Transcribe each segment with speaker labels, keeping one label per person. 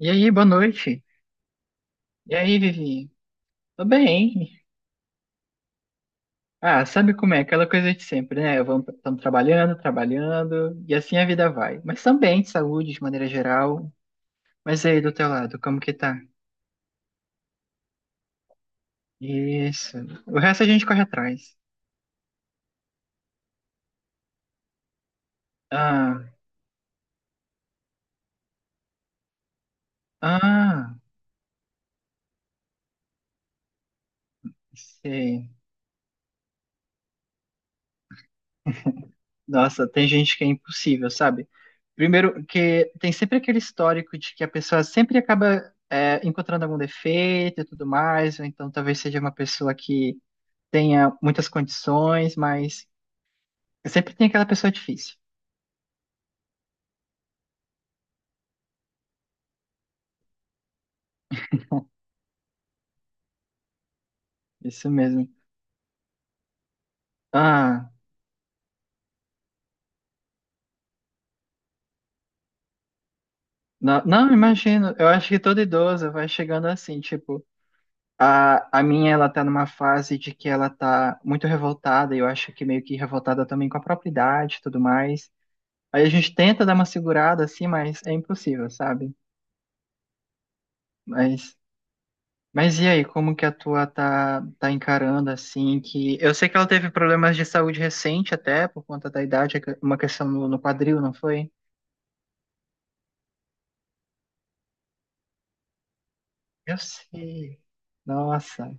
Speaker 1: E aí, boa noite. E aí, Vivi? Tô bem. Ah, sabe como é? Aquela coisa de sempre, né? Estamos trabalhando, trabalhando, e assim a vida vai. Mas também de saúde, de maneira geral. Mas aí, do teu lado, como que tá? Isso. O resto a gente corre atrás. Ah, ah, sei. Nossa, tem gente que é impossível, sabe? Primeiro, que tem sempre aquele histórico de que a pessoa sempre acaba encontrando algum defeito e tudo mais, ou então talvez seja uma pessoa que tenha muitas condições, mas sempre tem aquela pessoa difícil. Isso mesmo. Ah, não, não, imagino. Eu acho que todo idoso vai chegando assim, tipo, a minha, ela tá numa fase de que ela tá muito revoltada, e eu acho que meio que revoltada também com a própria idade e tudo mais. Aí a gente tenta dar uma segurada assim, mas é impossível, sabe? Mas Mas e aí, como que a tua tá encarando assim que eu sei que ela teve problemas de saúde recente até por conta da idade, uma questão no quadril, não foi? Eu sei. Nossa.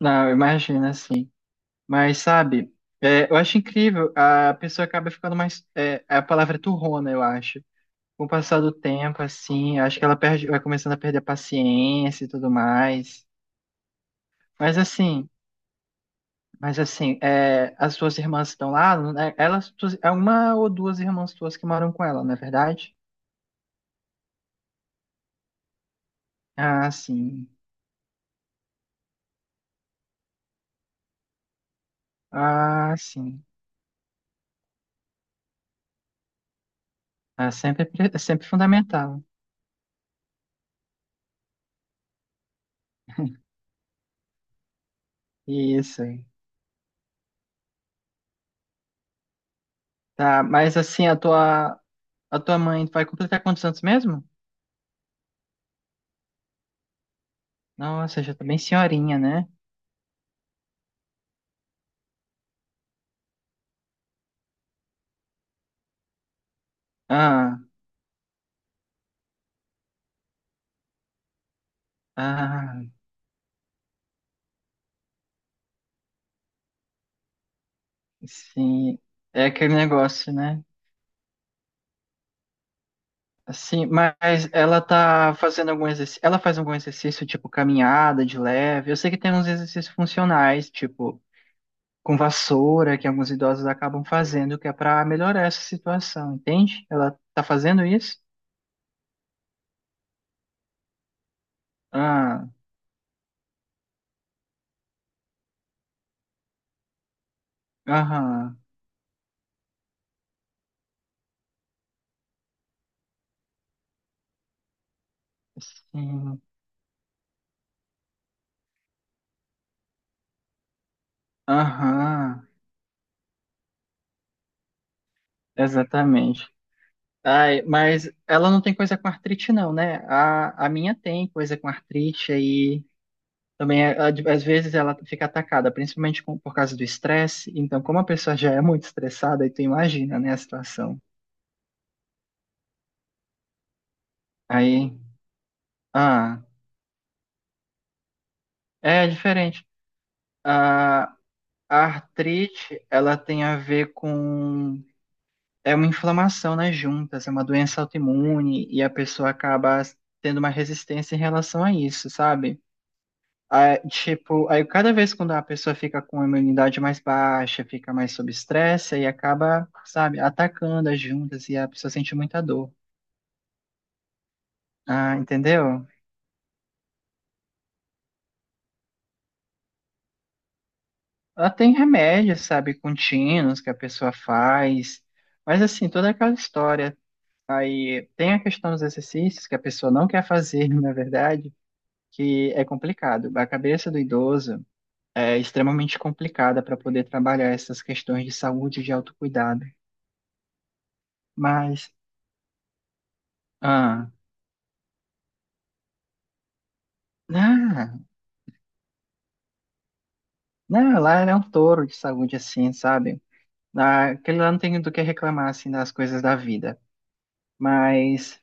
Speaker 1: Não, imagina assim. Mas sabe, eu acho incrível, a pessoa acaba ficando mais é, a palavra é turrona, eu acho. Com o passar do tempo assim, acho que ela perde, vai começando a perder a paciência e tudo mais. Mas assim, Mas assim, as suas irmãs estão lá, né? Elas, é uma ou duas irmãs tuas que moram com ela, não é verdade? Ah, sim. Ah, sim. É sempre fundamental. Isso aí. Tá, mas assim, a tua mãe vai completar quantos anos mesmo? Nossa, já tá bem senhorinha, né? Ah, ah, sim. É aquele negócio, né? Sim, mas ela tá fazendo algum exercício. Ela faz algum exercício, tipo caminhada de leve. Eu sei que tem uns exercícios funcionais, tipo com vassoura, que alguns idosos acabam fazendo, que é pra melhorar essa situação, entende? Ela tá fazendo isso? Ah, aham. Sim, aham. Exatamente. Ai, mas ela não tem coisa com artrite, não, né? A minha tem coisa com artrite aí. Também, às vezes, ela fica atacada, principalmente por causa do estresse. Então, como a pessoa já é muito estressada, aí tu imagina, né, a situação. Aí, ah, é diferente. A, a artrite, ela tem a ver com... É uma inflamação nas juntas, é uma doença autoimune, e a pessoa acaba tendo uma resistência em relação a isso, sabe? Aí, tipo, aí cada vez quando a pessoa fica com a imunidade mais baixa, fica mais sob estresse, aí acaba, sabe, atacando as juntas e a pessoa sente muita dor. Ah, entendeu? Ela tem remédios, sabe, contínuos que a pessoa faz, mas assim, toda aquela história. Aí tem a questão dos exercícios que a pessoa não quer fazer, na verdade, que é complicado. A cabeça do idoso é extremamente complicada para poder trabalhar essas questões de saúde e de autocuidado. Mas. Ah, não, não, lá ele é um touro de saúde, assim, sabe? Ah, aquele lá não tem do que reclamar, assim, das coisas da vida. Mas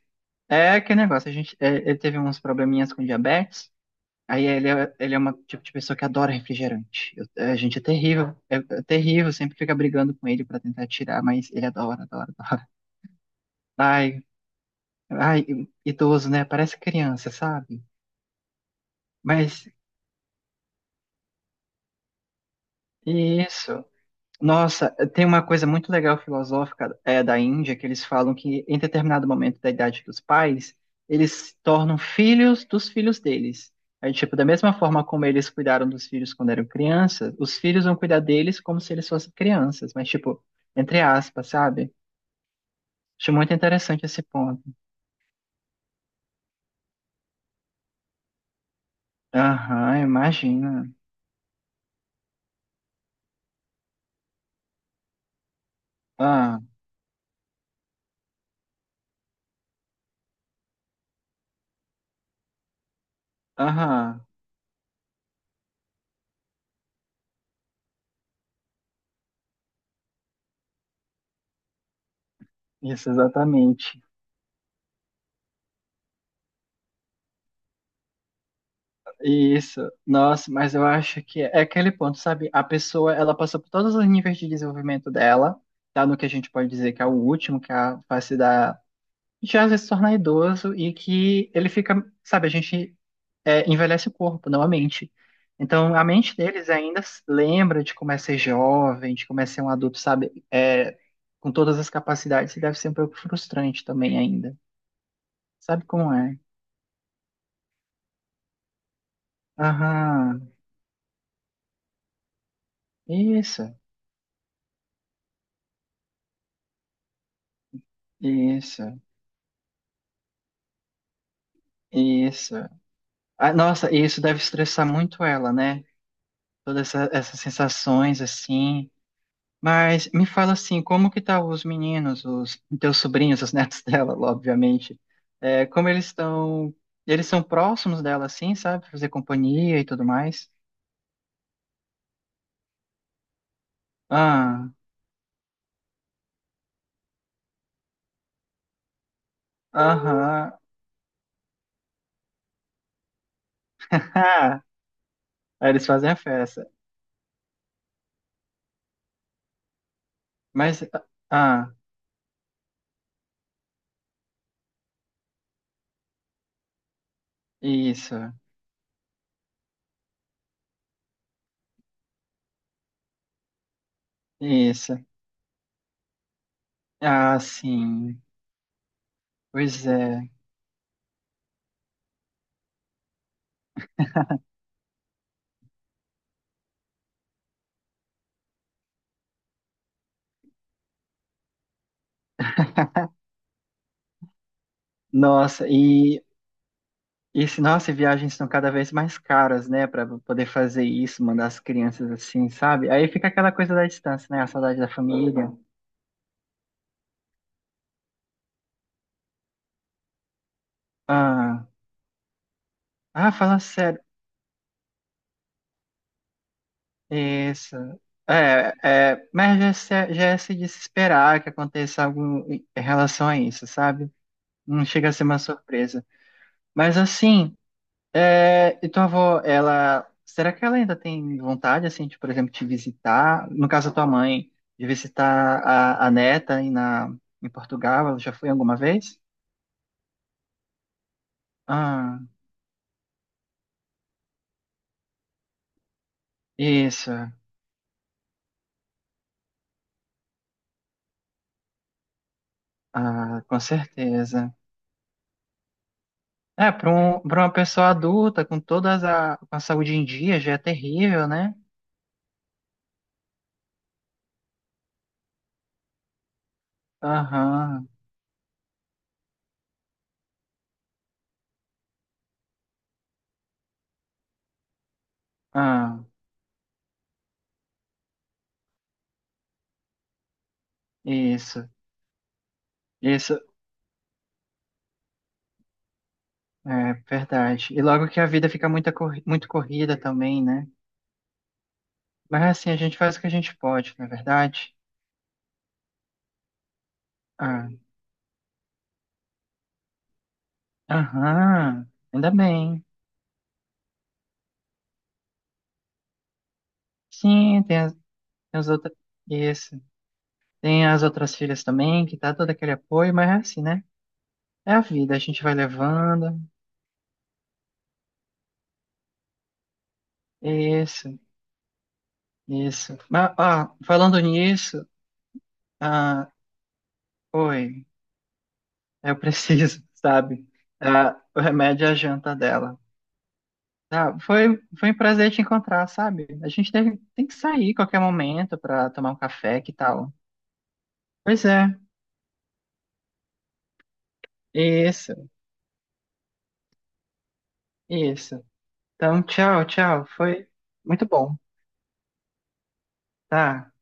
Speaker 1: é aquele negócio, ele teve uns probleminhas com diabetes, aí ele é uma tipo de pessoa que adora refrigerante. A gente é terrível, é, terrível, sempre fica brigando com ele pra tentar tirar, mas ele adora, adora, adora. Ai, ai, idoso, né? Parece criança, sabe? Mas isso. Nossa, tem uma coisa muito legal filosófica da Índia, que eles falam que em determinado momento da idade dos pais, eles se tornam filhos dos filhos deles. Aí, tipo, da mesma forma como eles cuidaram dos filhos quando eram crianças, os filhos vão cuidar deles como se eles fossem crianças, mas, tipo, entre aspas, sabe? Acho muito interessante esse ponto. Aham, imagina. Ah, aham, isso exatamente. Isso, nossa, mas eu acho que é aquele ponto, sabe? A pessoa, ela passou por todos os níveis de desenvolvimento dela, tá no que a gente pode dizer que é o último, que é a fase da... Já às vezes se tornar idoso e que ele fica, sabe, a gente envelhece o corpo, não a mente. Então, a mente deles ainda se lembra de como é ser jovem, de como é ser um adulto, sabe? É, com todas as capacidades, e deve ser um pouco frustrante também ainda. Sabe como é? Aham, isso, isso, isso. Ah, nossa, e isso deve estressar muito ela, né? Todas essas sensações assim. Mas me fala assim, como que tá os meninos, os teus sobrinhos, os netos dela, obviamente. É, como eles estão, eles são próximos dela assim, sabe? Fazer companhia e tudo mais. Ah, aham. Ah, aí eles fazem a festa. Mas ah, isso, isso. Ah, sim. Pois é. Nossa, e E se, nossa, e viagens estão cada vez mais caras, né, para poder fazer isso, mandar as crianças assim, sabe? Aí fica aquela coisa da distância, né, a saudade da família. Ah, ah, fala sério, isso. É, é, mas já, já é se desesperar que aconteça algo em relação a isso, sabe? Não chega a ser uma surpresa. Mas assim. É, e tua avó, ela, será que ela ainda tem vontade, assim, de, por exemplo, te visitar? No caso da tua mãe, de visitar a neta aí em Portugal, ela já foi alguma vez? Ah, isso, ah, com certeza. É, para uma pessoa adulta, com com a saúde em dia, já é terrível, né? Aham, ah, isso, isso, é verdade. E logo que a vida fica muito corrida também, né? Mas assim, a gente faz o que a gente pode, não é verdade? Ah, aham, ainda bem. Sim, tem as outras. Isso. Tem as outras filhas também, que tá todo aquele apoio, mas é assim, né? É a vida, a gente vai levando. Isso, isso. Mas, ó, falando nisso, ah, oi, eu preciso, sabe? Ah, o remédio é a janta dela. Ah, foi um prazer te encontrar, sabe? Tem que sair qualquer momento pra tomar um café, que tal? Pois é. Isso, isso. Então, tchau, tchau. Foi muito bom, tá?